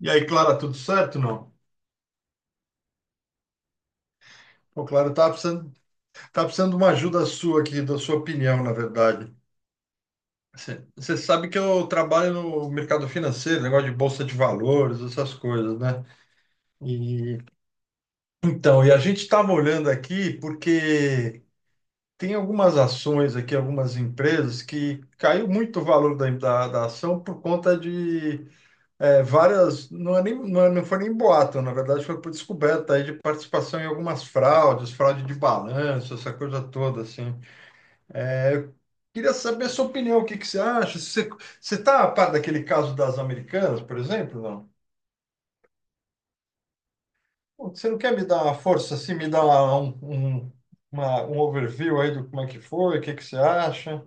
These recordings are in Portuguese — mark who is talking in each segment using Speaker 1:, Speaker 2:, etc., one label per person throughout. Speaker 1: E aí, Clara, tudo certo, não? Pô, Clara, tá precisando de uma ajuda sua aqui, da sua opinião, na verdade. Você sabe que eu trabalho no mercado financeiro, negócio de bolsa de valores, essas coisas, né? E então, e a gente estava olhando aqui porque tem algumas ações aqui, algumas empresas que caiu muito o valor da ação por conta de é, várias, não, é nem, não, não foi nem boato, na verdade foi por descoberta aí de participação em algumas fraudes, fraude de balanço, essa coisa toda, assim. Queria saber a sua opinião, o que que você acha? Você, você tá a par daquele caso das americanas, por exemplo, não? Pô, você não quer me dar uma força, assim, me dar um, um overview aí do como é que foi, o que que você acha?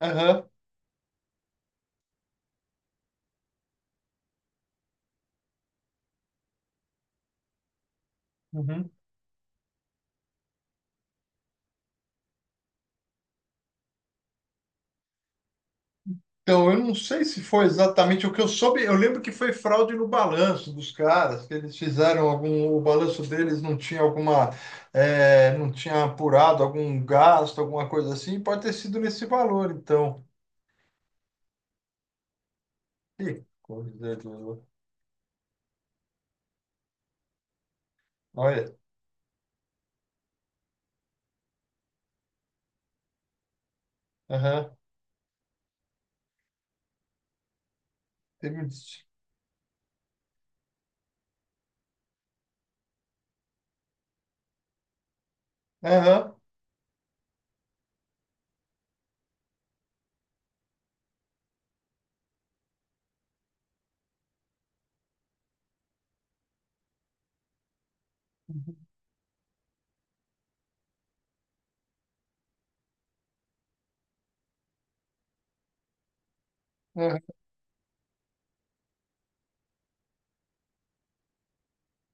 Speaker 1: Aham, uhum. Então, eu não sei se foi exatamente o que eu soube. Eu lembro que foi fraude no balanço dos caras, que eles fizeram algum, o balanço deles não tinha alguma, não tinha apurado algum gasto, alguma coisa assim. Pode ter sido nesse valor, então. Que coisa de louco. Olha, aham, teve isso. Aham, aham.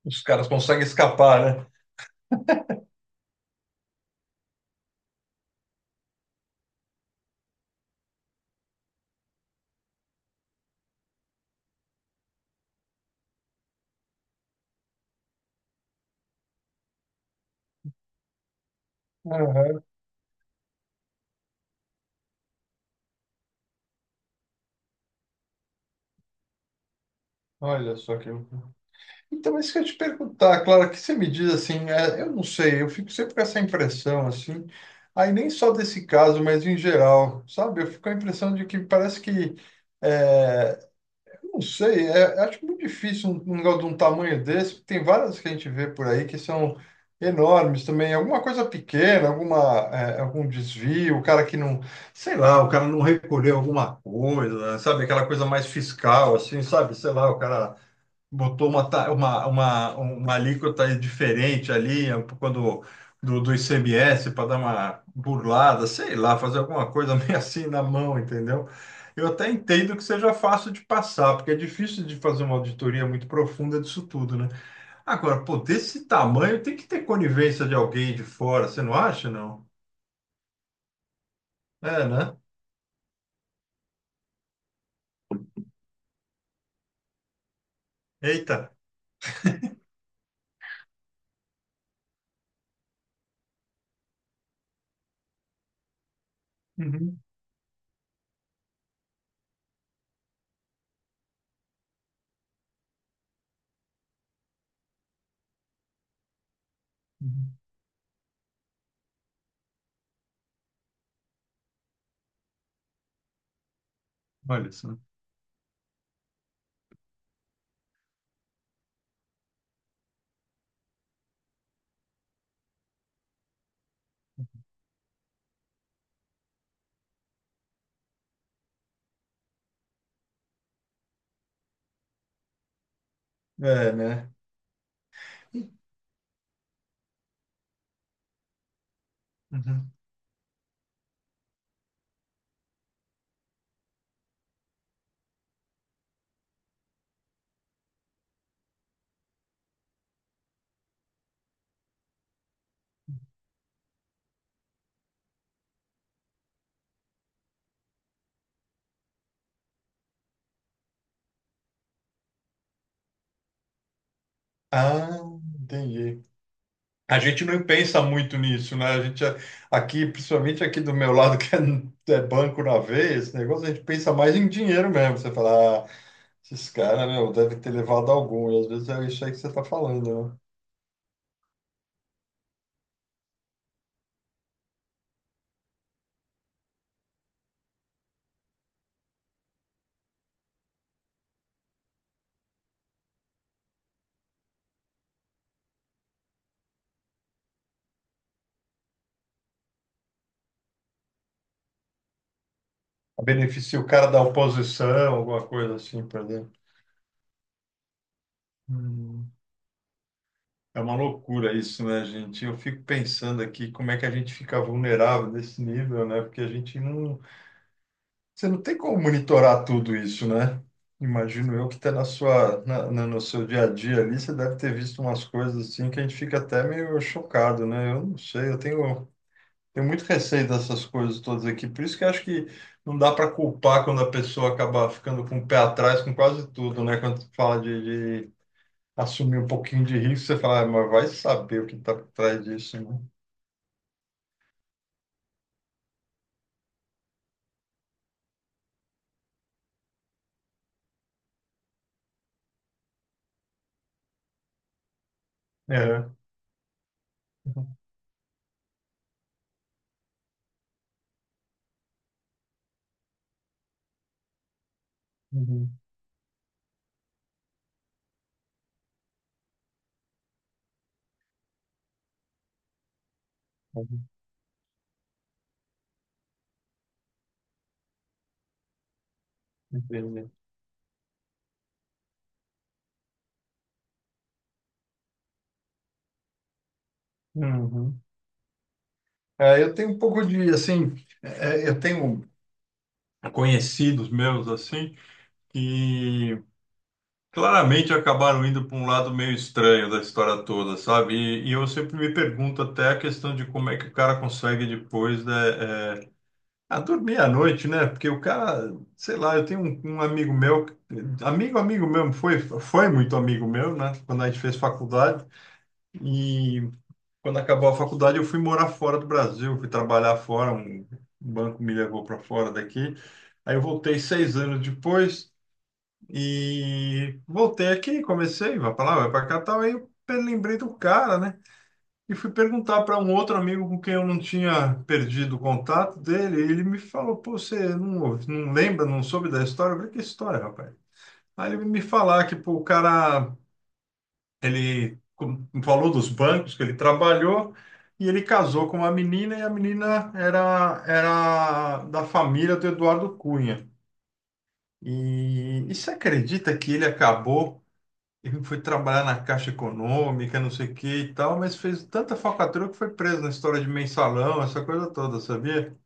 Speaker 1: Os caras conseguem escapar, né? Aham. Olha só que. Então, isso que eu ia te perguntar, Clara, o que você me diz assim, é, eu não sei, eu fico sempre com essa impressão assim, aí nem só desse caso, mas em geral, sabe? Eu fico com a impressão de que parece que, é, eu não sei, é, acho muito difícil um negócio de um tamanho desse, tem várias que a gente vê por aí que são enormes também, alguma coisa pequena, algum desvio, o cara que não, sei lá, o cara não recolheu alguma coisa, sabe? Aquela coisa mais fiscal, assim, sabe? Sei lá, o cara botou uma, ta- uma alíquota diferente ali, é um pouco do ICMS, para dar uma burlada, sei lá, fazer alguma coisa meio assim na mão, entendeu? Eu até entendo que seja fácil de passar, porque é difícil de fazer uma auditoria muito profunda disso tudo, né? Agora, pô, desse tamanho tem que ter conivência de alguém de fora, você não acha, não? É, né? Eita. Uhum. Uhum. Olha só. É, né? Uhum. Ah, entendi. A gente não pensa muito nisso, né? Aqui, principalmente aqui do meu lado, que é, é banco na veia, esse negócio, a gente pensa mais em dinheiro mesmo. Você fala, ah, esses caras, meu, devem ter levado algum. E às vezes é isso aí que você está falando, né? Beneficia o cara da oposição, alguma coisa assim, por exemplo. Hum. É uma loucura isso, né, gente? Eu fico pensando aqui como é que a gente fica vulnerável nesse nível, né? Porque a gente não. Você não tem como monitorar tudo isso, né? Imagino eu que está na sua, no seu dia a dia ali, você deve ter visto umas coisas assim que a gente fica até meio chocado, né? Eu não sei, eu tenho, tenho muito receio dessas coisas todas aqui. Por isso que eu acho que não dá para culpar quando a pessoa acaba ficando com o pé atrás com quase tudo, né? Quando você fala de assumir um pouquinho de risco, você fala, "Ah, mas vai saber o que está por trás disso, né? É. Uhum. Uhum. Entendi. Uhum. É, eu tenho um pouco de, assim, eu tenho conhecidos meus, assim, que claramente acabaram indo para um lado meio estranho da história toda, sabe? E eu sempre me pergunto até a questão de como é que o cara consegue depois, né, é, a dormir à noite, né? Porque o cara, sei lá, eu tenho um amigo meu, amigo, amigo mesmo, foi muito amigo meu, né? Quando a gente fez faculdade. E quando acabou a faculdade, eu fui morar fora do Brasil, fui trabalhar fora, um banco me levou para fora daqui. Aí eu voltei 6 anos depois e voltei aqui, comecei, vai para lá, vai para cá, tal. Lembrei do cara, né? E fui perguntar para um outro amigo com quem eu não tinha perdido o contato dele. E ele me falou: Pô, você não, não lembra, não soube da história? Eu falei: Que história, rapaz? Aí ele me falar que pô, o cara ele falou dos bancos que ele trabalhou e ele casou com uma menina e a menina era da família do Eduardo Cunha. E você acredita que ele acabou, ele foi trabalhar na Caixa Econômica, não sei o que e tal, mas fez tanta falcatrua que foi preso na história de mensalão, essa coisa toda, sabia?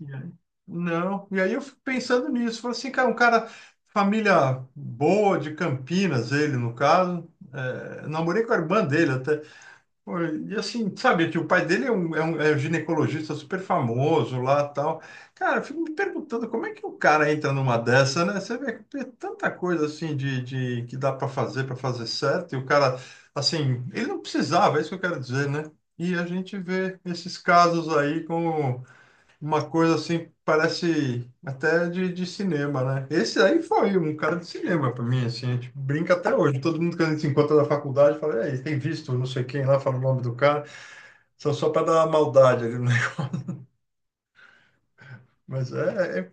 Speaker 1: E aí? Não. E aí eu fico pensando nisso. Falei assim, cara, um cara, família boa de Campinas, ele no caso. É, namorei com a irmã dele até. Pô, e assim, sabe, que o pai dele é um ginecologista super famoso lá tal. Cara, eu fico me perguntando como é que o cara entra numa dessa, né? Você vê que tem tanta coisa assim de que dá para fazer certo, e o cara, assim, ele não precisava, é isso que eu quero dizer, né? E a gente vê esses casos aí como uma coisa assim, parece até de cinema, né? Esse aí foi um cara de cinema pra mim, assim, a gente brinca até hoje. Todo mundo que a gente se encontra na faculdade fala, "Ei, tem visto não sei quem lá, fala o nome do cara, só, só para dar uma maldade ali, né? Mas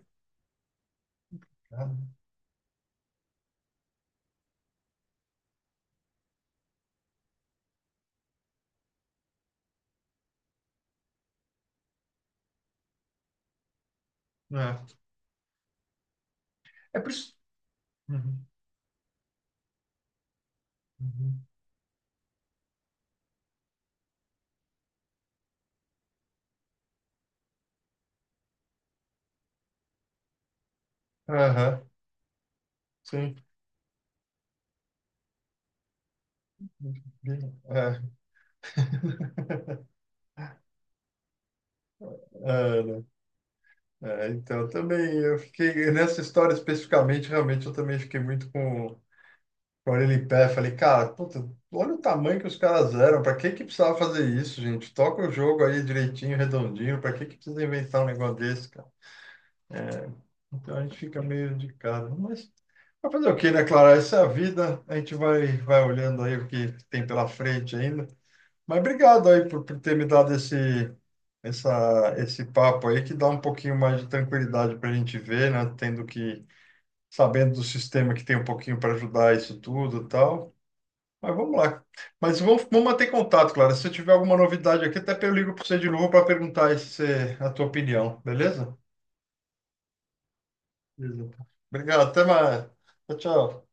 Speaker 1: é, é por isso. Uhum, uhum. Aham, sim. É, né? É, então, também eu fiquei nessa história especificamente, realmente eu também fiquei muito com ele em pé, falei, cara, puta, olha o tamanho que os caras eram, pra que que precisava fazer isso, gente? Toca o jogo aí direitinho, redondinho, pra que que precisa inventar um negócio desse, cara? Então a gente fica meio indicado, mas vai fazer o quê, né, Clara? Essa é a vida, a gente vai, vai olhando aí o que tem pela frente ainda. Mas obrigado aí por ter me dado esse papo aí, que dá um pouquinho mais de tranquilidade pra gente ver, né, tendo que, sabendo do sistema que tem um pouquinho para ajudar isso tudo e tal. Mas vamos lá. Mas vamos manter contato, Clara. Se eu tiver alguma novidade aqui, até eu ligo para você de novo para perguntar a tua opinião, beleza? Beleza. Obrigado, até mais. Tchau, tchau.